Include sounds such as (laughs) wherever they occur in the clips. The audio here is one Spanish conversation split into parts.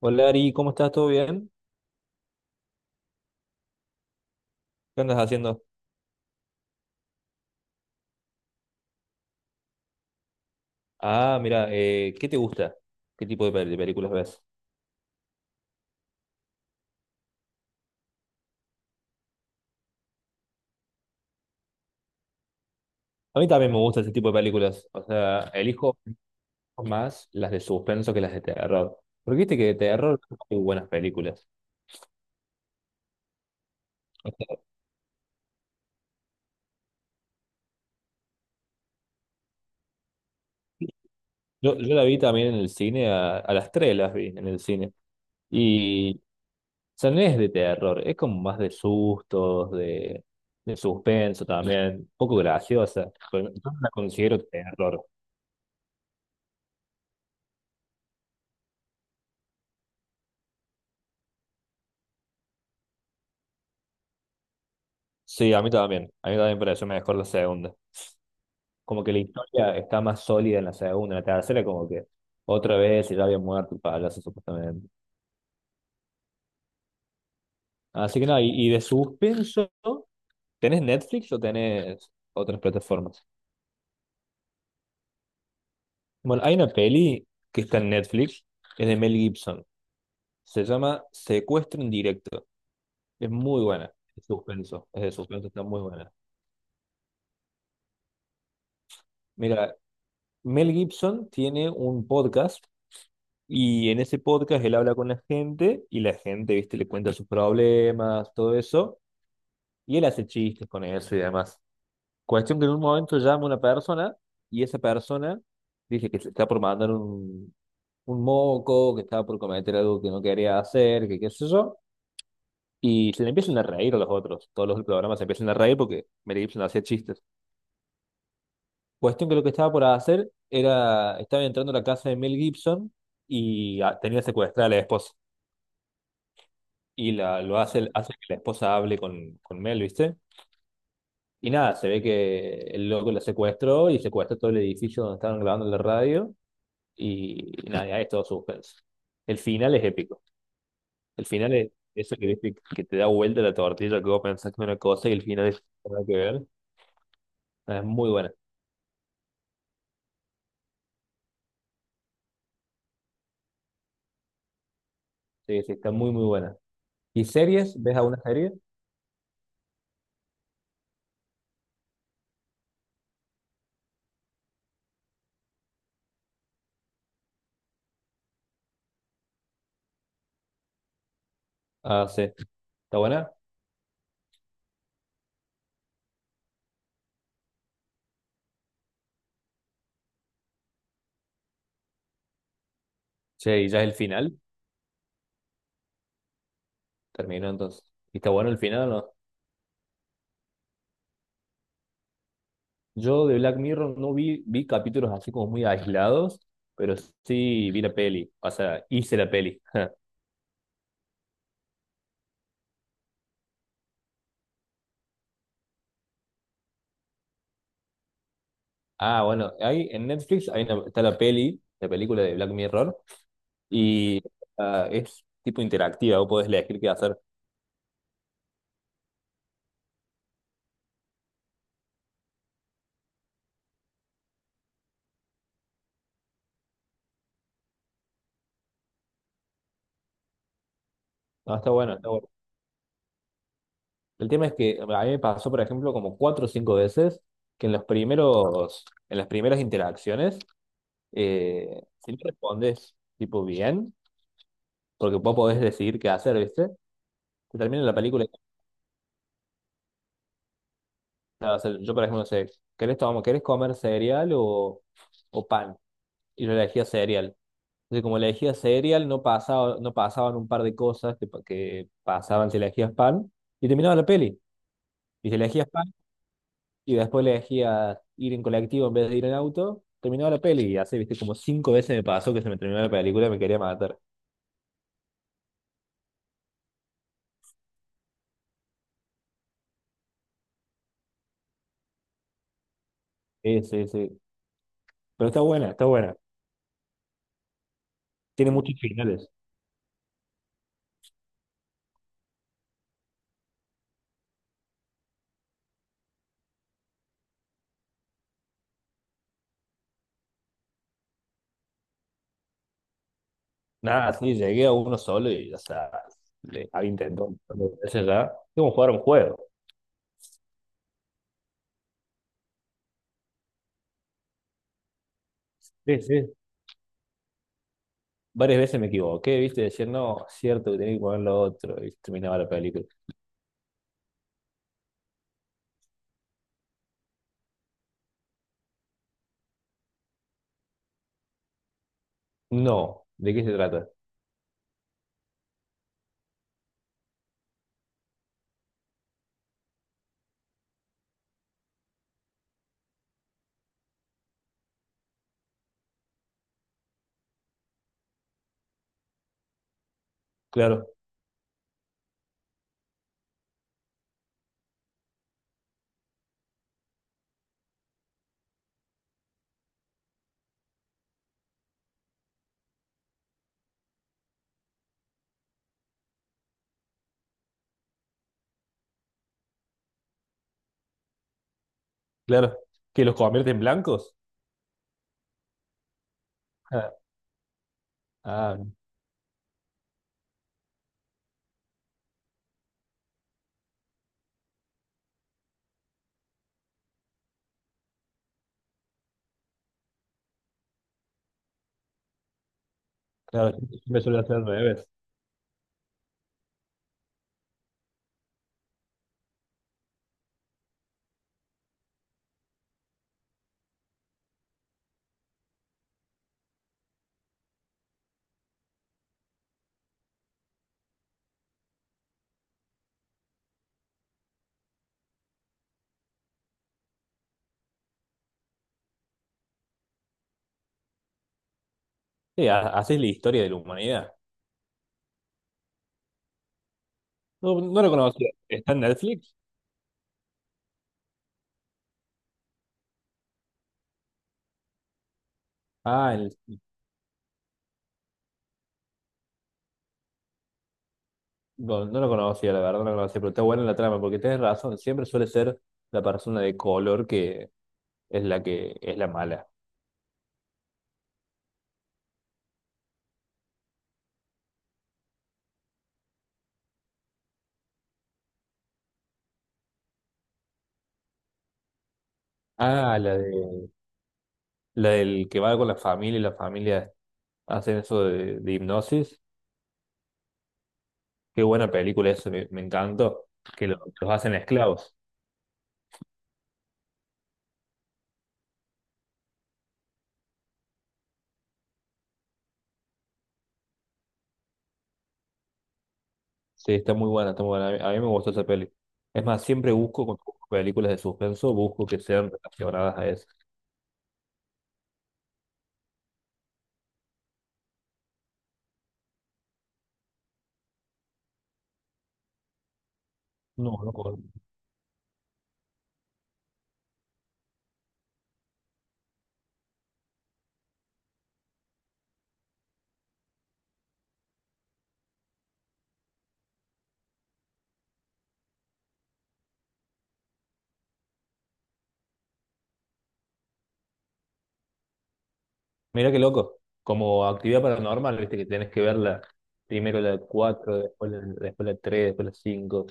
Hola Ari, ¿cómo estás? ¿Todo bien? ¿Qué andas haciendo? Ah, mira, ¿qué te gusta? ¿Qué tipo de películas ves? A mí también me gusta ese tipo de películas. O sea, elijo más las de suspenso que las de terror. Porque viste que de terror hay buenas películas. O sea, yo la vi también en el cine, a las tres las vi en el cine. Y, o sea, no es de terror, es como más de sustos, de suspenso también. Un poco graciosa, pero yo no la considero terror. Sí, a mí también. A mí también me pareció mejor la segunda. Como que la historia está más sólida en la segunda, en la tercera, como que otra vez y ya había muerto el payaso supuestamente. Así que nada, y de suspenso, ¿tenés Netflix o tenés otras plataformas? Bueno, hay una peli que está en Netflix, es de Mel Gibson, se llama Secuestro en directo, es muy buena, es de suspenso, está muy buena. Mira, Mel Gibson tiene un podcast. Y en ese podcast él habla con la gente y la gente, viste, le cuenta sus problemas, todo eso. Y él hace chistes con eso y demás. Cuestión que en un momento llama una persona y esa persona dice que se está por mandar un moco, que estaba por cometer algo que no quería hacer, que qué sé yo. Y se le empiezan a reír a los otros. Todos los del programa se empiezan a reír porque Mel Gibson hacía chistes. Cuestión que lo que estaba por hacer era, estaba entrando a la casa de Mel Gibson y ah, tenía secuestrada a la esposa. Y lo hace, hace que la esposa hable con Mel, ¿viste? Y nada, se ve que el loco la secuestró y secuestró todo el edificio donde estaban grabando la radio. Y nada, ya es todo suspenso. El final es épico. El final es eso que, viste que te da vuelta la tortilla, que vos pensás que es una cosa y el final es nada que ver. Nada, es muy buena. Sí, sí, está muy, muy buena. ¿Y series? ¿Ves alguna serie? Ah, sí. ¿Está buena? Che, y ya es el final. Terminó entonces. ¿Y está bueno el final o no? Yo de Black Mirror no vi, vi capítulos así como muy aislados, pero sí vi la peli, o sea, hice la peli. (laughs) Ah, bueno, hay en Netflix hay está la peli, la película de Black Mirror, y ah, es tipo interactiva, vos podés elegir qué hacer. No, está bueno, está bueno. El tema es que a mí me pasó, por ejemplo, como cuatro o cinco veces que en los primeros, en las primeras interacciones, si no respondes tipo bien, porque vos podés decidir qué hacer, ¿viste? Te termina la película nada, o sea, yo por ejemplo, no sé, ¿querés comer cereal o pan? Y yo elegía cereal. Entonces, como elegía cereal, no pasaba, no pasaban un par de cosas que, que pasaban si elegías pan, y terminaba la peli. Y si elegías pan, y después elegías ir en colectivo en vez de ir en auto, terminaba la peli. Y así, viste, como cinco veces me pasó que se me terminó la película y me quería matar. Sí, sí, sí. Pero está buena, está buena. Tiene muchos finales. Nada, sí, llegué a uno solo y, o sea, le había intentado un par de veces ya. Es como jugar un juego. Sí, sí. Varias veces me equivoqué, ¿viste? Decía, no, cierto que tenía que poner lo otro y terminaba la película. No, ¿de qué se trata? Claro, claro. ¿Que los convierte en blancos? Ah, ah, claro, me suele hacer al revés. Sí, así la historia de la humanidad. No, no lo conocía. ¿Está en Netflix? Ah, en- no, no lo conocía, la verdad, no lo conocía, pero está buena la trama, porque tienes razón, siempre suele ser la persona de color que es la mala. Ah, la de la del que va con la familia y la familia hacen eso de hipnosis. Qué buena película eso, me encantó. Que los hacen esclavos. Sí, está muy buena, está muy buena. A mí me gustó esa peli. Es más, siempre busco, cuando busco películas de suspenso, busco que sean relacionadas a eso. No, no puedo. Mira qué loco. Como actividad paranormal, viste que tenés que verla. Primero la 4 después la tres, después la cinco.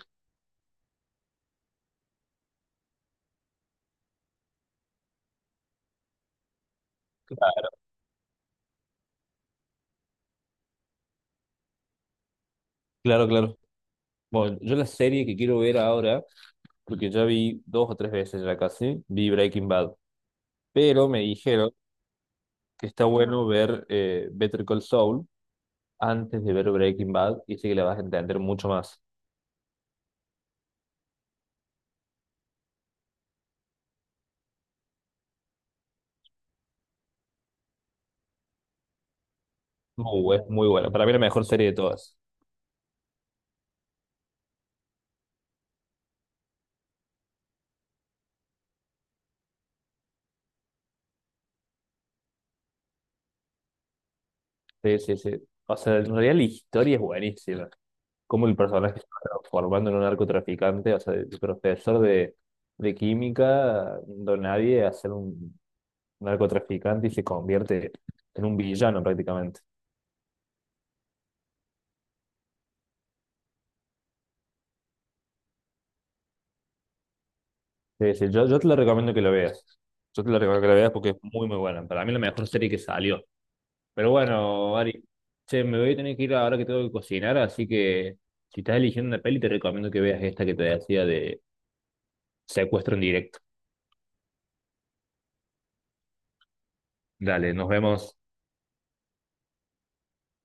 Claro, claro. Bueno, yo la serie que quiero ver ahora, porque ya vi dos o tres veces ya casi, vi Breaking Bad, pero me dijeron que está bueno ver Better Call Saul antes de ver Breaking Bad y sí que la vas a entender mucho más. Muy, es muy bueno. Para mí la mejor serie de todas. Sí, sí, sí. O sea, en realidad la historia es buenísima. Cómo el personaje se va transformando en un narcotraficante, o sea, de profesor de química, don nadie, a ser un narcotraficante y se convierte en un villano prácticamente. Sí, sí, yo te lo recomiendo que lo veas. Yo te lo recomiendo que lo veas porque es muy, muy buena. Para mí la mejor serie que salió. Pero bueno, Ari, che, me voy a tener que ir ahora que tengo que cocinar, así que si estás eligiendo una peli, te recomiendo que veas esta que te decía de Secuestro en directo. Dale, nos vemos.